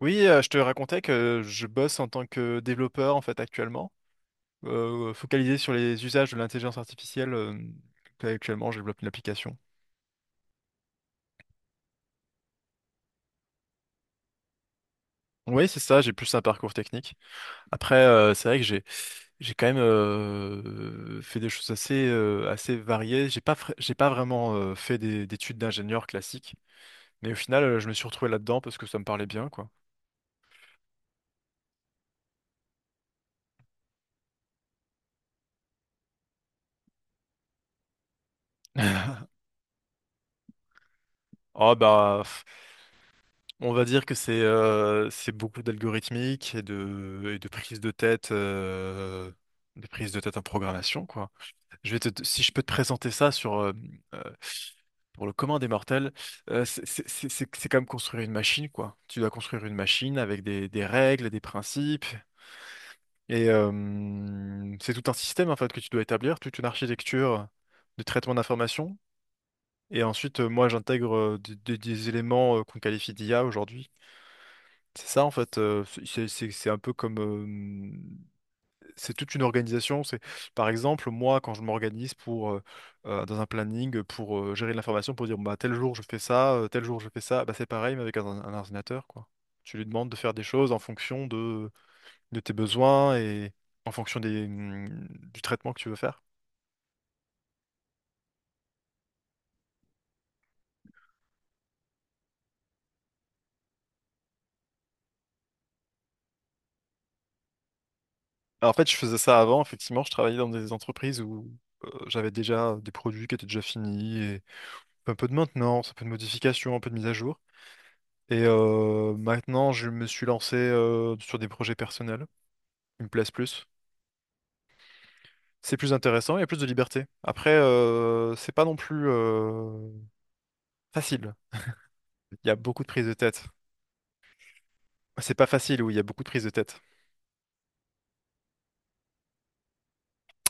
Oui, je te racontais que je bosse en tant que développeur en fait actuellement, focalisé sur les usages de l'intelligence artificielle. Actuellement, je développe une application. Oui, c'est ça, j'ai plus un parcours technique. Après, c'est vrai que j'ai quand même fait des choses assez assez variées. J'ai pas vraiment fait des d'études d'ingénieur classique, mais au final, je me suis retrouvé là-dedans parce que ça me parlait bien, quoi. Oh bah, on va dire que c'est beaucoup d'algorithmique et de prise de tête, de prise de tête en programmation, quoi. Si je peux te présenter ça sur, euh, pour le commun des mortels, c'est comme construire une machine, quoi. Tu dois construire une machine avec des règles, des principes, et c'est tout un système, en fait, que tu dois établir, toute une architecture de traitement d'information. Et ensuite, moi, j'intègre des éléments qu'on qualifie d'IA aujourd'hui. C'est ça en fait, c'est un peu comme c'est toute une organisation. C'est par exemple moi quand je m'organise pour dans un planning pour gérer de l'information pour dire bah tel jour je fais ça, tel jour je fais ça, bah c'est pareil mais avec un ordinateur quoi. Tu lui demandes de faire des choses en fonction de tes besoins et en fonction des du traitement que tu veux faire. Alors, en fait, je faisais ça avant, effectivement, je travaillais dans des entreprises où j'avais déjà des produits qui étaient déjà finis et un peu de maintenance, un peu de modification, un peu de mise à jour. Et maintenant, je me suis lancé sur des projets personnels qui me plaisent plus. C'est plus intéressant, il y a plus de liberté. Après, c'est pas non plus facile. Il y a beaucoup de prises de tête. C'est pas facile, oui, il y a beaucoup de prises de tête.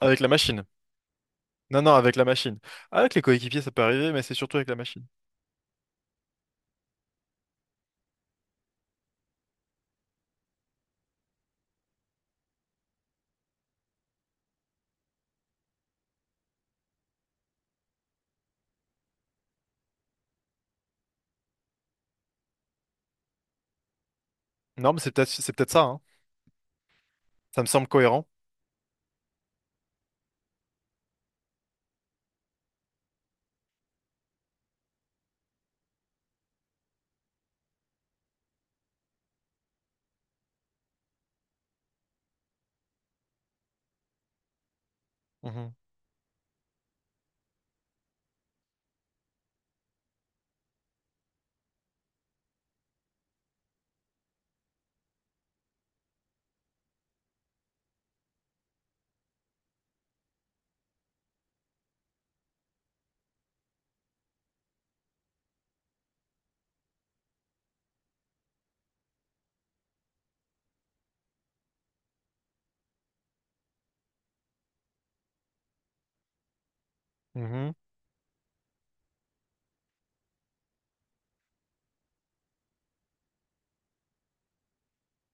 Avec la machine. Non, non, avec la machine. Avec les coéquipiers, ça peut arriver, mais c'est surtout avec la machine. Non, mais c'est peut-être ça, hein. Ça me semble cohérent. Mhm.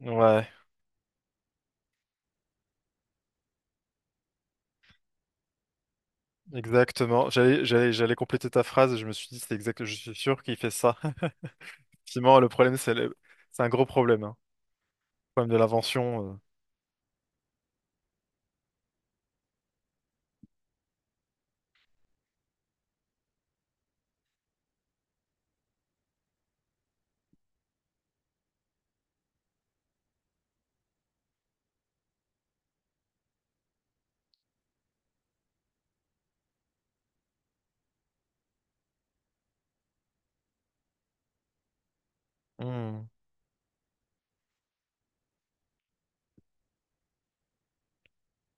Mhm. Ouais, exactement. J'allais compléter ta phrase et je me suis dit, c'est exact, je suis sûr qu'il fait ça. Effectivement, le problème, c'est un gros problème, hein. Problème de l'invention. Hmm.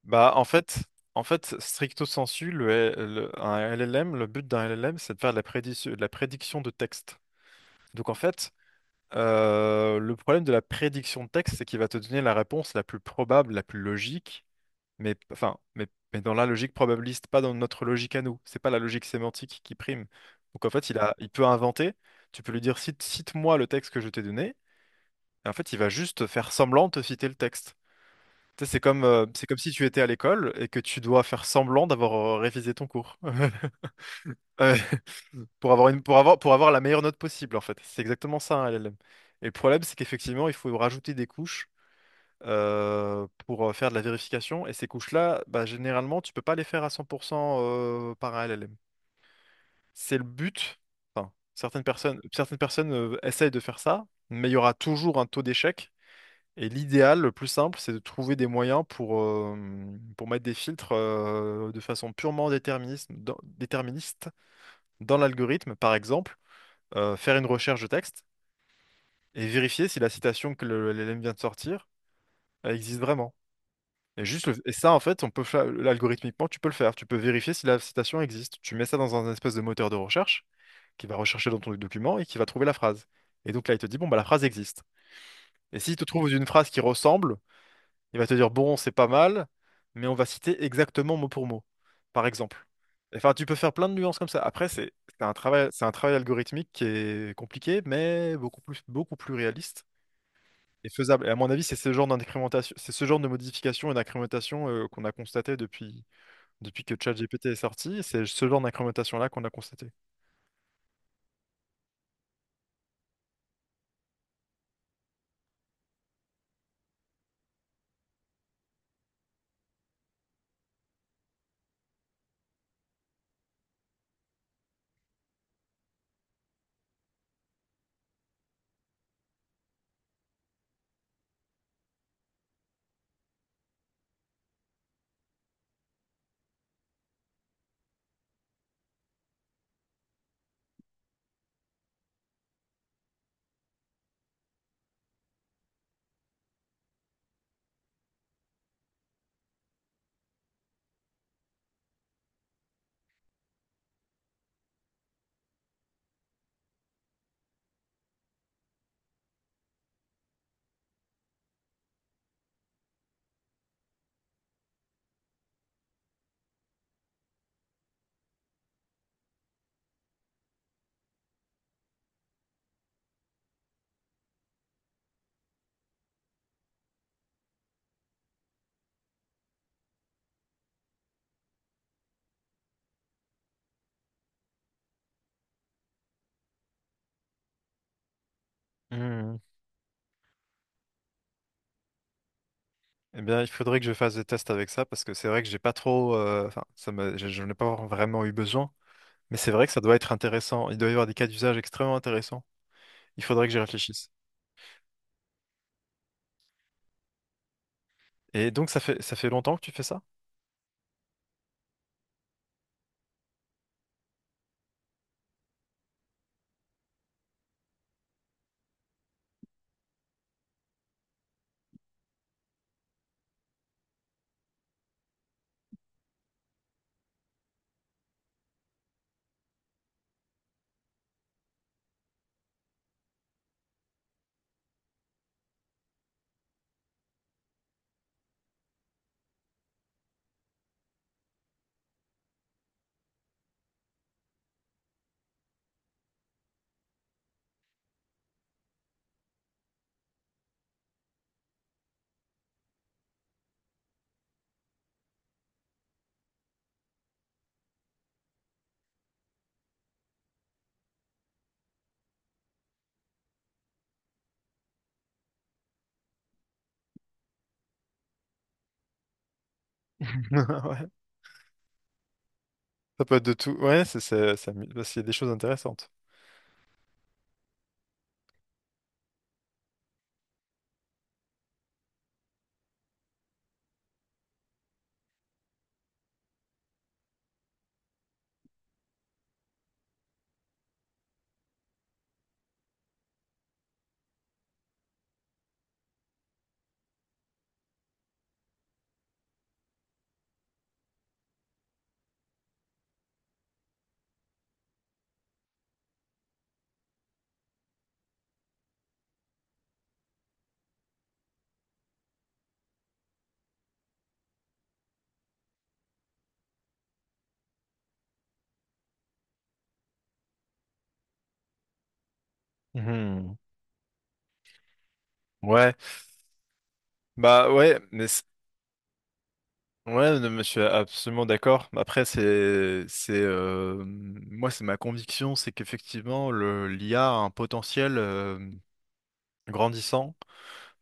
Bah, en fait, En fait, stricto sensu, un LLM, le but d'un LLM, c'est de faire de la prédiction, de la prédiction de texte. Donc, en fait, le problème de la prédiction de texte, c'est qu'il va te donner la réponse la plus probable, la plus logique, mais, enfin, mais, mais dans la logique probabiliste, pas dans notre logique à nous. C'est pas la logique sémantique qui prime. Donc, en fait, il peut inventer. Tu peux lui dire, cite-moi le texte que je t'ai donné. Et en fait, il va juste faire semblant de te citer le texte. Tu sais, c'est comme, c'est comme si tu étais à l'école et que tu dois faire semblant d'avoir révisé ton cours. Euh, pour avoir une, pour avoir, Pour avoir la meilleure note possible, en fait. C'est exactement ça, un LLM. Et le problème, c'est qu'effectivement, il faut rajouter des couches pour faire de la vérification. Et ces couches-là, bah, généralement, tu peux pas les faire à 100% par un LLM. C'est le but. Enfin, certaines personnes essayent de faire ça, mais il y aura toujours un taux d'échec. Et l'idéal, le plus simple, c'est de trouver des moyens pour mettre des filtres de façon purement déterministe déterministe dans l'algorithme. Par exemple, faire une recherche de texte et vérifier si la citation que l'LM vient de sortir, elle existe vraiment. Et ça, en fait, algorithmiquement, tu peux le faire. Tu peux vérifier si la citation existe. Tu mets ça dans un espèce de moteur de recherche qui va rechercher dans ton document et qui va trouver la phrase. Et donc là, il te dit, bon, bah, la phrase existe. Et s'il te trouve une phrase qui ressemble, il va te dire, bon, c'est pas mal, mais on va citer exactement mot pour mot, par exemple. Enfin, tu peux faire plein de nuances comme ça. Après, c'est un travail algorithmique qui est compliqué, mais beaucoup plus réaliste et faisable. Et à mon avis, c'est ce genre d'incrémentation, c'est ce genre de modification et d'incrémentation qu'on a constaté depuis, depuis que ChatGPT est sorti. C'est ce genre d'incrémentation-là qu'on a constaté. Hmm. Eh bien, il faudrait que je fasse des tests avec ça parce que c'est vrai que j'ai pas trop, enfin, je n'ai pas vraiment eu besoin. Mais c'est vrai que ça doit être intéressant. Il doit y avoir des cas d'usage extrêmement intéressants. Il faudrait que j'y réfléchisse. Et donc, ça fait longtemps que tu fais ça? Ouais. Ça peut être de tout. Ouais, ça, parce qu'il y a des choses intéressantes. Mhm. Ouais. Bah ouais, mais c'est- ouais, non, mais je suis absolument d'accord. Après, c'est moi, c'est ma conviction, c'est qu'effectivement, le l'IA a un potentiel grandissant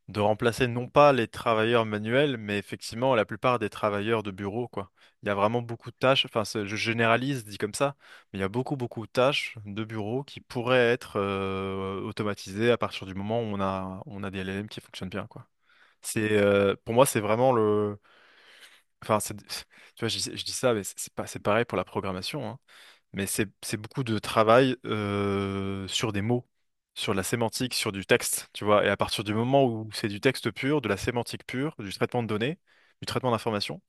de remplacer non pas les travailleurs manuels, mais effectivement la plupart des travailleurs de bureau, quoi. Il y a vraiment beaucoup de tâches. Enfin, je généralise, dit comme ça, mais il y a beaucoup de tâches de bureau qui pourraient être automatisées à partir du moment où on a des LLM qui fonctionnent bien, quoi. C'est pour moi, c'est vraiment le… Enfin, tu vois, je dis ça, mais c'est pas, c'est pareil pour la programmation, hein. Mais c'est beaucoup de travail sur des mots, sur de la sémantique, sur du texte, tu vois. Et à partir du moment où c'est du texte pur, de la sémantique pure, du traitement de données, du traitement d'informations,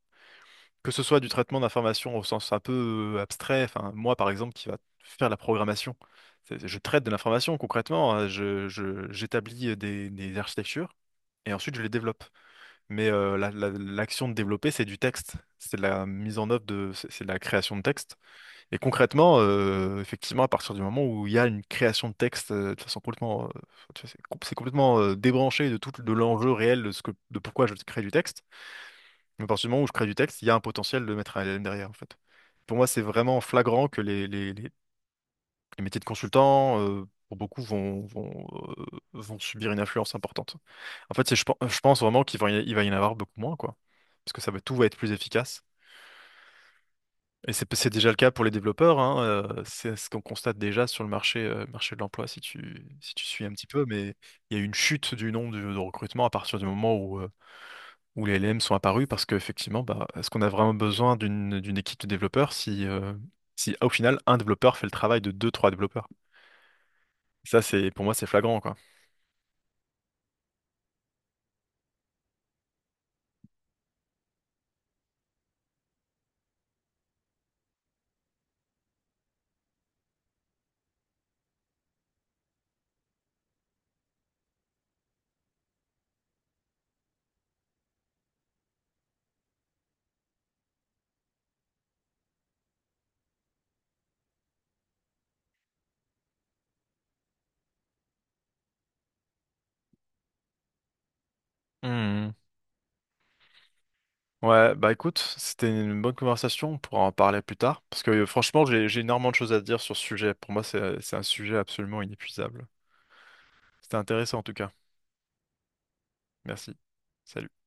que ce soit du traitement d'informations au sens un peu abstrait, enfin, moi par exemple, qui va faire la programmation, je traite de l'information concrètement, hein. J'établis des architectures et ensuite je les développe. Mais l'action de développer, c'est du texte. C'est de la mise en œuvre de, c'est de la création de texte. Et concrètement, effectivement, à partir du moment où il y a une création de texte de façon complètement, tu vois, c'est complètement débranché de tout, de l'enjeu réel de ce que, de pourquoi je crée du texte. Mais à partir du moment où je crée du texte, il y a un potentiel de mettre un L L M derrière, en fait. Pour moi, c'est vraiment flagrant que les métiers de consultant, pour beaucoup, euh, vont subir une influence importante. En fait, je pense vraiment qu'il va, il va y en avoir beaucoup moins, quoi. Parce que ça va, tout va être plus efficace. Et c'est déjà le cas pour les développeurs, hein, c'est ce qu'on constate déjà sur le marché, marché de l'emploi, si si tu suis un petit peu, mais il y a eu une chute du nombre de recrutements à partir du moment où, où les LLM sont apparus, parce qu'effectivement, bah, est-ce qu'on a vraiment besoin d'une équipe de développeurs si, si au final, un développeur fait le travail de deux, trois développeurs? Ça, pour moi, c'est flagrant, quoi. Hmm. Ouais, bah écoute, c'était une bonne conversation, on pourra en parler plus tard, parce que franchement, j'ai énormément de choses à dire sur ce sujet. Pour moi, c'est un sujet absolument inépuisable. C'était intéressant en tout cas. Merci. Salut.